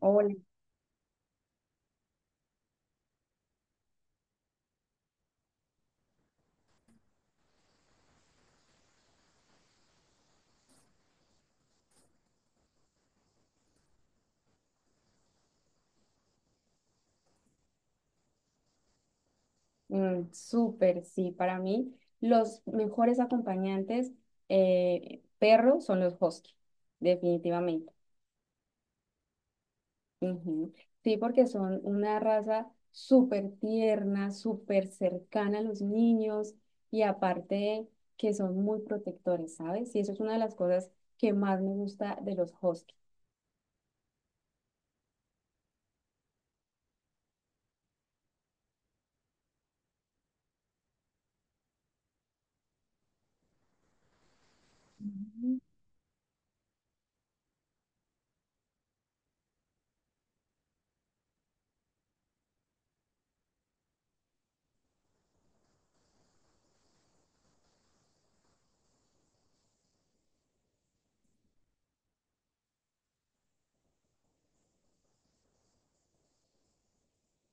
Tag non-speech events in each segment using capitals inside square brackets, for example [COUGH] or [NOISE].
Hola, mm, súper, sí, para mí los mejores acompañantes perro son los husky, definitivamente. Ujú. Sí, porque son una raza súper tierna, súper cercana a los niños y aparte que son muy protectores, ¿sabes? Y eso es una de las cosas que más me gusta de los husky. Ujú.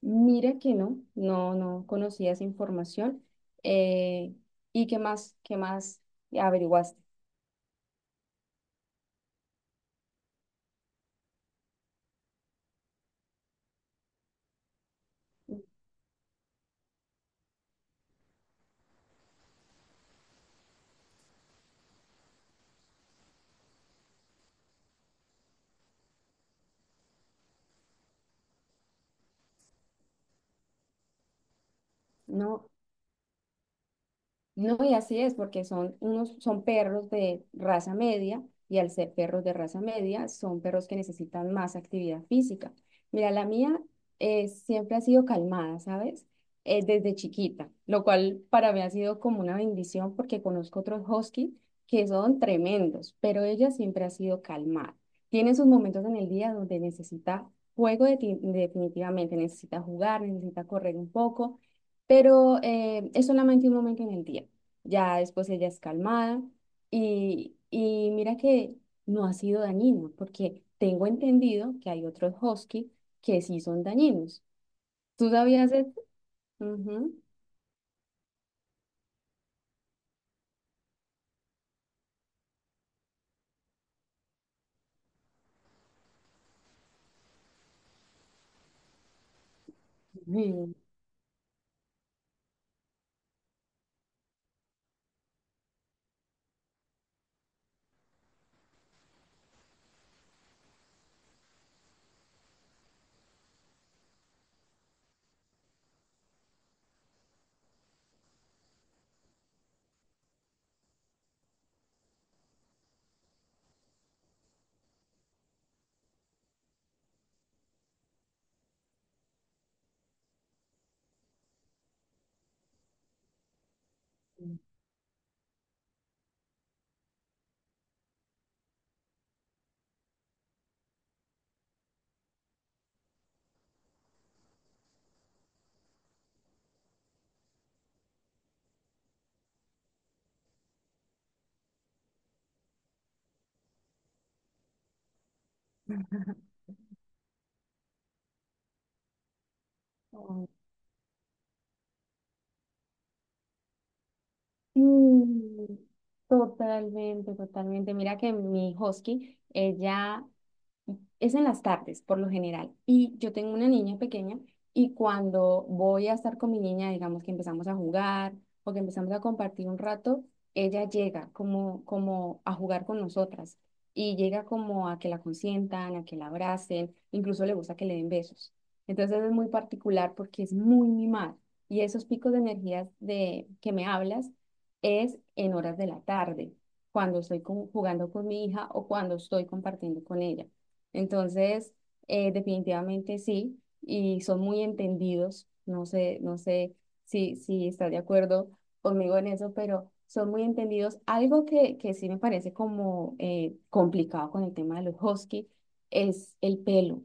Mira que no conocía esa información, eh, y qué más, qué más averiguaste. No, no, y así es, porque son unos, son perros de raza media, y al ser perros de raza media, son perros que necesitan más actividad física. Mira, la mía siempre ha sido calmada, ¿sabes? Desde chiquita, lo cual para mí ha sido como una bendición porque conozco otros husky que son tremendos, pero ella siempre ha sido calmada. Tiene sus momentos en el día donde necesita definitivamente, necesita jugar, necesita correr un poco. Pero es solamente un momento en el día. Ya después ella es calmada y mira que no ha sido dañino, porque tengo entendido que hay otros husky que sí son dañinos. ¿Tú sabías esto? Ujú. Sí. Oh, mm, totalmente, totalmente. Mira que mi husky, ella es en las tardes, por lo general. Y yo tengo una niña pequeña y cuando voy a estar con mi niña, digamos que empezamos a jugar o que empezamos a compartir un rato, ella llega como, como a jugar con nosotras y llega como a que la consientan, a que la abracen, incluso le gusta que le den besos. Entonces es muy particular porque es muy mimada y esos picos de energías de que me hablas es en horas de la tarde, cuando estoy jugando con mi hija o cuando estoy compartiendo con ella. Entonces, definitivamente sí, y son muy entendidos. No sé, no sé si, si está de acuerdo conmigo en eso, pero son muy entendidos. Algo que sí me parece como complicado con el tema de los husky es el pelo.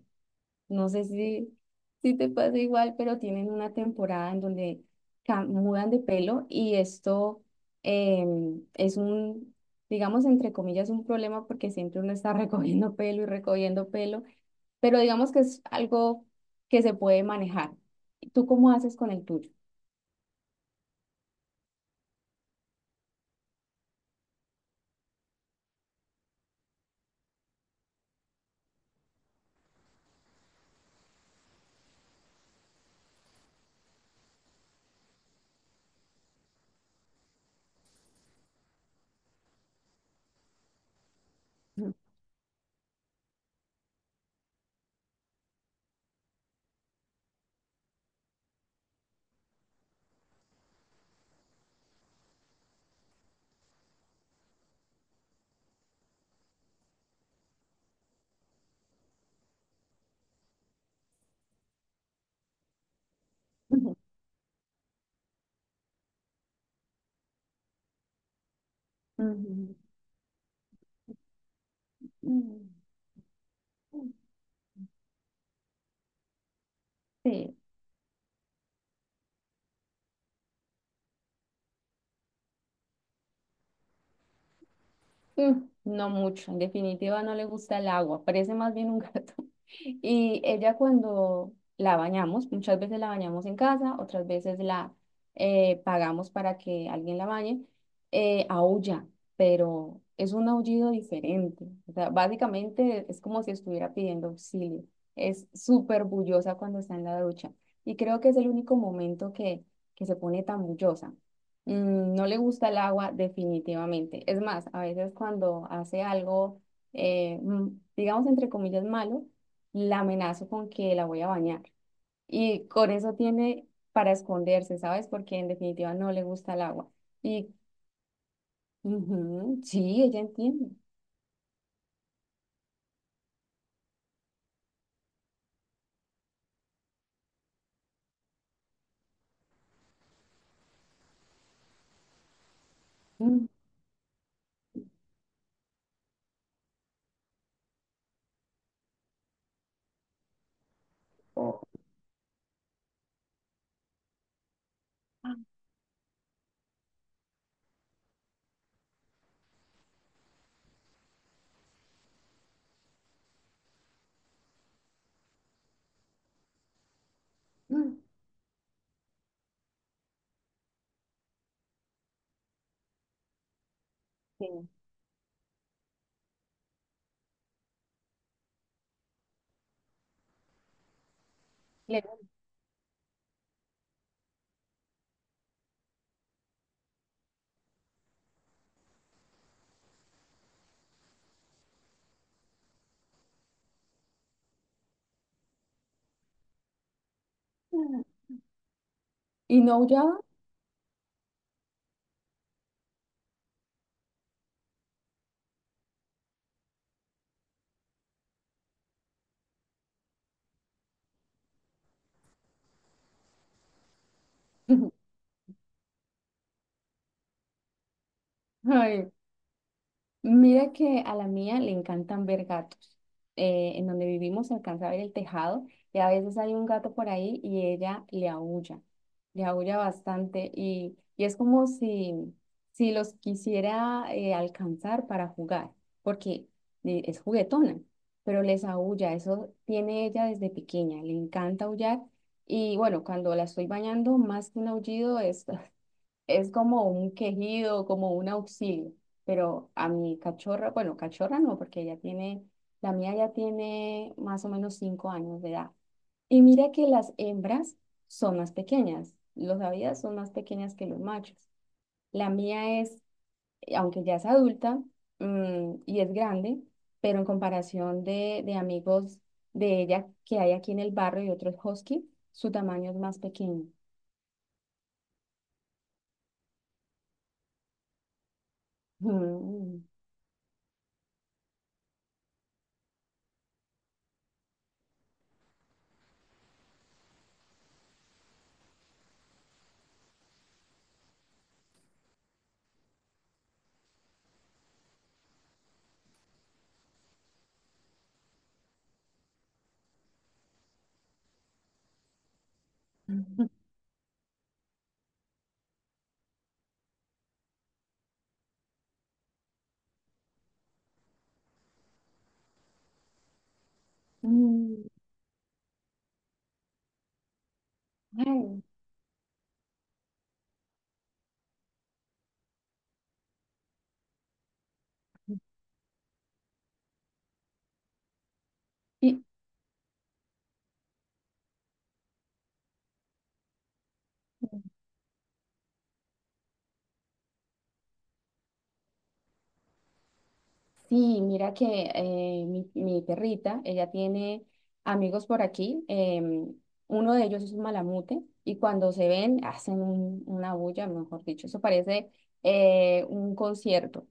No sé si, si te pasa igual, pero tienen una temporada en donde mudan de pelo y esto es un, digamos, entre comillas, un problema porque siempre uno está [LAUGHS] recogiendo pelo y recogiendo pelo, pero digamos que es algo que se puede manejar. ¿Tú cómo haces con el tuyo? [LAUGHS] Ujú. Ujú. Mm. Sí. Mm, no mucho, en definitiva no le gusta el agua, parece más bien un gato. Y ella cuando la bañamos, muchas veces la bañamos en casa, otras veces la pagamos para que alguien la bañe, aúlla, pero es un aullido diferente. O sea, básicamente es como si estuviera pidiendo auxilio. Es súper bullosa cuando está en la ducha. Y creo que es el único momento que se pone tan bullosa. Mm, no le gusta el agua definitivamente. Es más, a veces cuando hace algo, eh, mm, digamos entre comillas, malo, la amenazo con que la voy a bañar. Y con eso tiene para esconderse, ¿sabes? Porque en definitiva no le gusta el agua. Y ujú, sí, ella entiende. Mm. Oh, ah, mm, sí, le gusta. Y no ya. [LAUGHS] Ay, mira que a la mía le encantan ver gatos. En donde vivimos se alcanza a ver el tejado y a veces hay un gato por ahí y ella le aúlla bastante y es como si, si los quisiera alcanzar para jugar, porque es juguetona, pero les aúlla, eso tiene ella desde pequeña, le encanta aullar y bueno, cuando la estoy bañando, más que un aullido es [LAUGHS] es como un quejido, como un auxilio. Pero a mi cachorra, bueno, cachorra no, porque ella tiene, la mía ya tiene más o menos 5 años de edad. Y mira que las hembras son más pequeñas, los avidas son más pequeñas que los machos. La mía es, aunque ya es adulta, mm, y es grande, pero en comparación de amigos de ella que hay aquí en el barrio y otros husky, su tamaño es más pequeño. Mm. [LAUGHS] Mm. Ay. Y- sí, mira que mi, mi perrita, ella tiene amigos por aquí. Uno de ellos es un malamute y cuando se ven hacen una bulla, mejor dicho. Eso parece un concierto.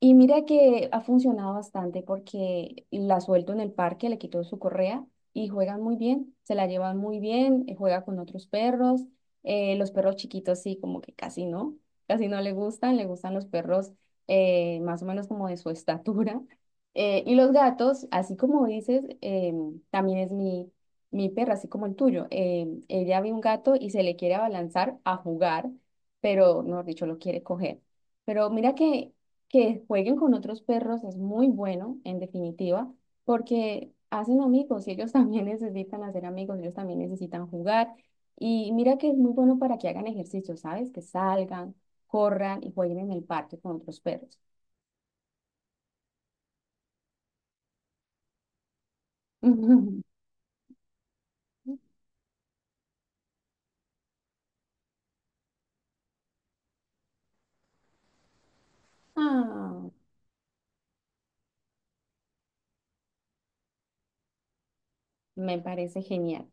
Y mira que ha funcionado bastante porque la suelto en el parque, le quito su correa y juegan muy bien, se la llevan muy bien, juega con otros perros. Los perros chiquitos sí, como que casi no le gustan, le gustan los perros más o menos como de su estatura. [LAUGHS] Y los gatos, así como dices, también es mi, mi perra, así como el tuyo. Ella ve un gato y se le quiere abalanzar a jugar, pero, mejor dicho, lo quiere coger. Pero mira que jueguen con otros perros es muy bueno, en definitiva, porque hacen amigos y ellos [LAUGHS] también necesitan hacer amigos, ellos también necesitan jugar. Y mira que es muy bueno para que hagan ejercicio, ¿sabes? Que salgan, corran y jueguen en el parque con otros perros. [LAUGHS] Ah, me parece genial.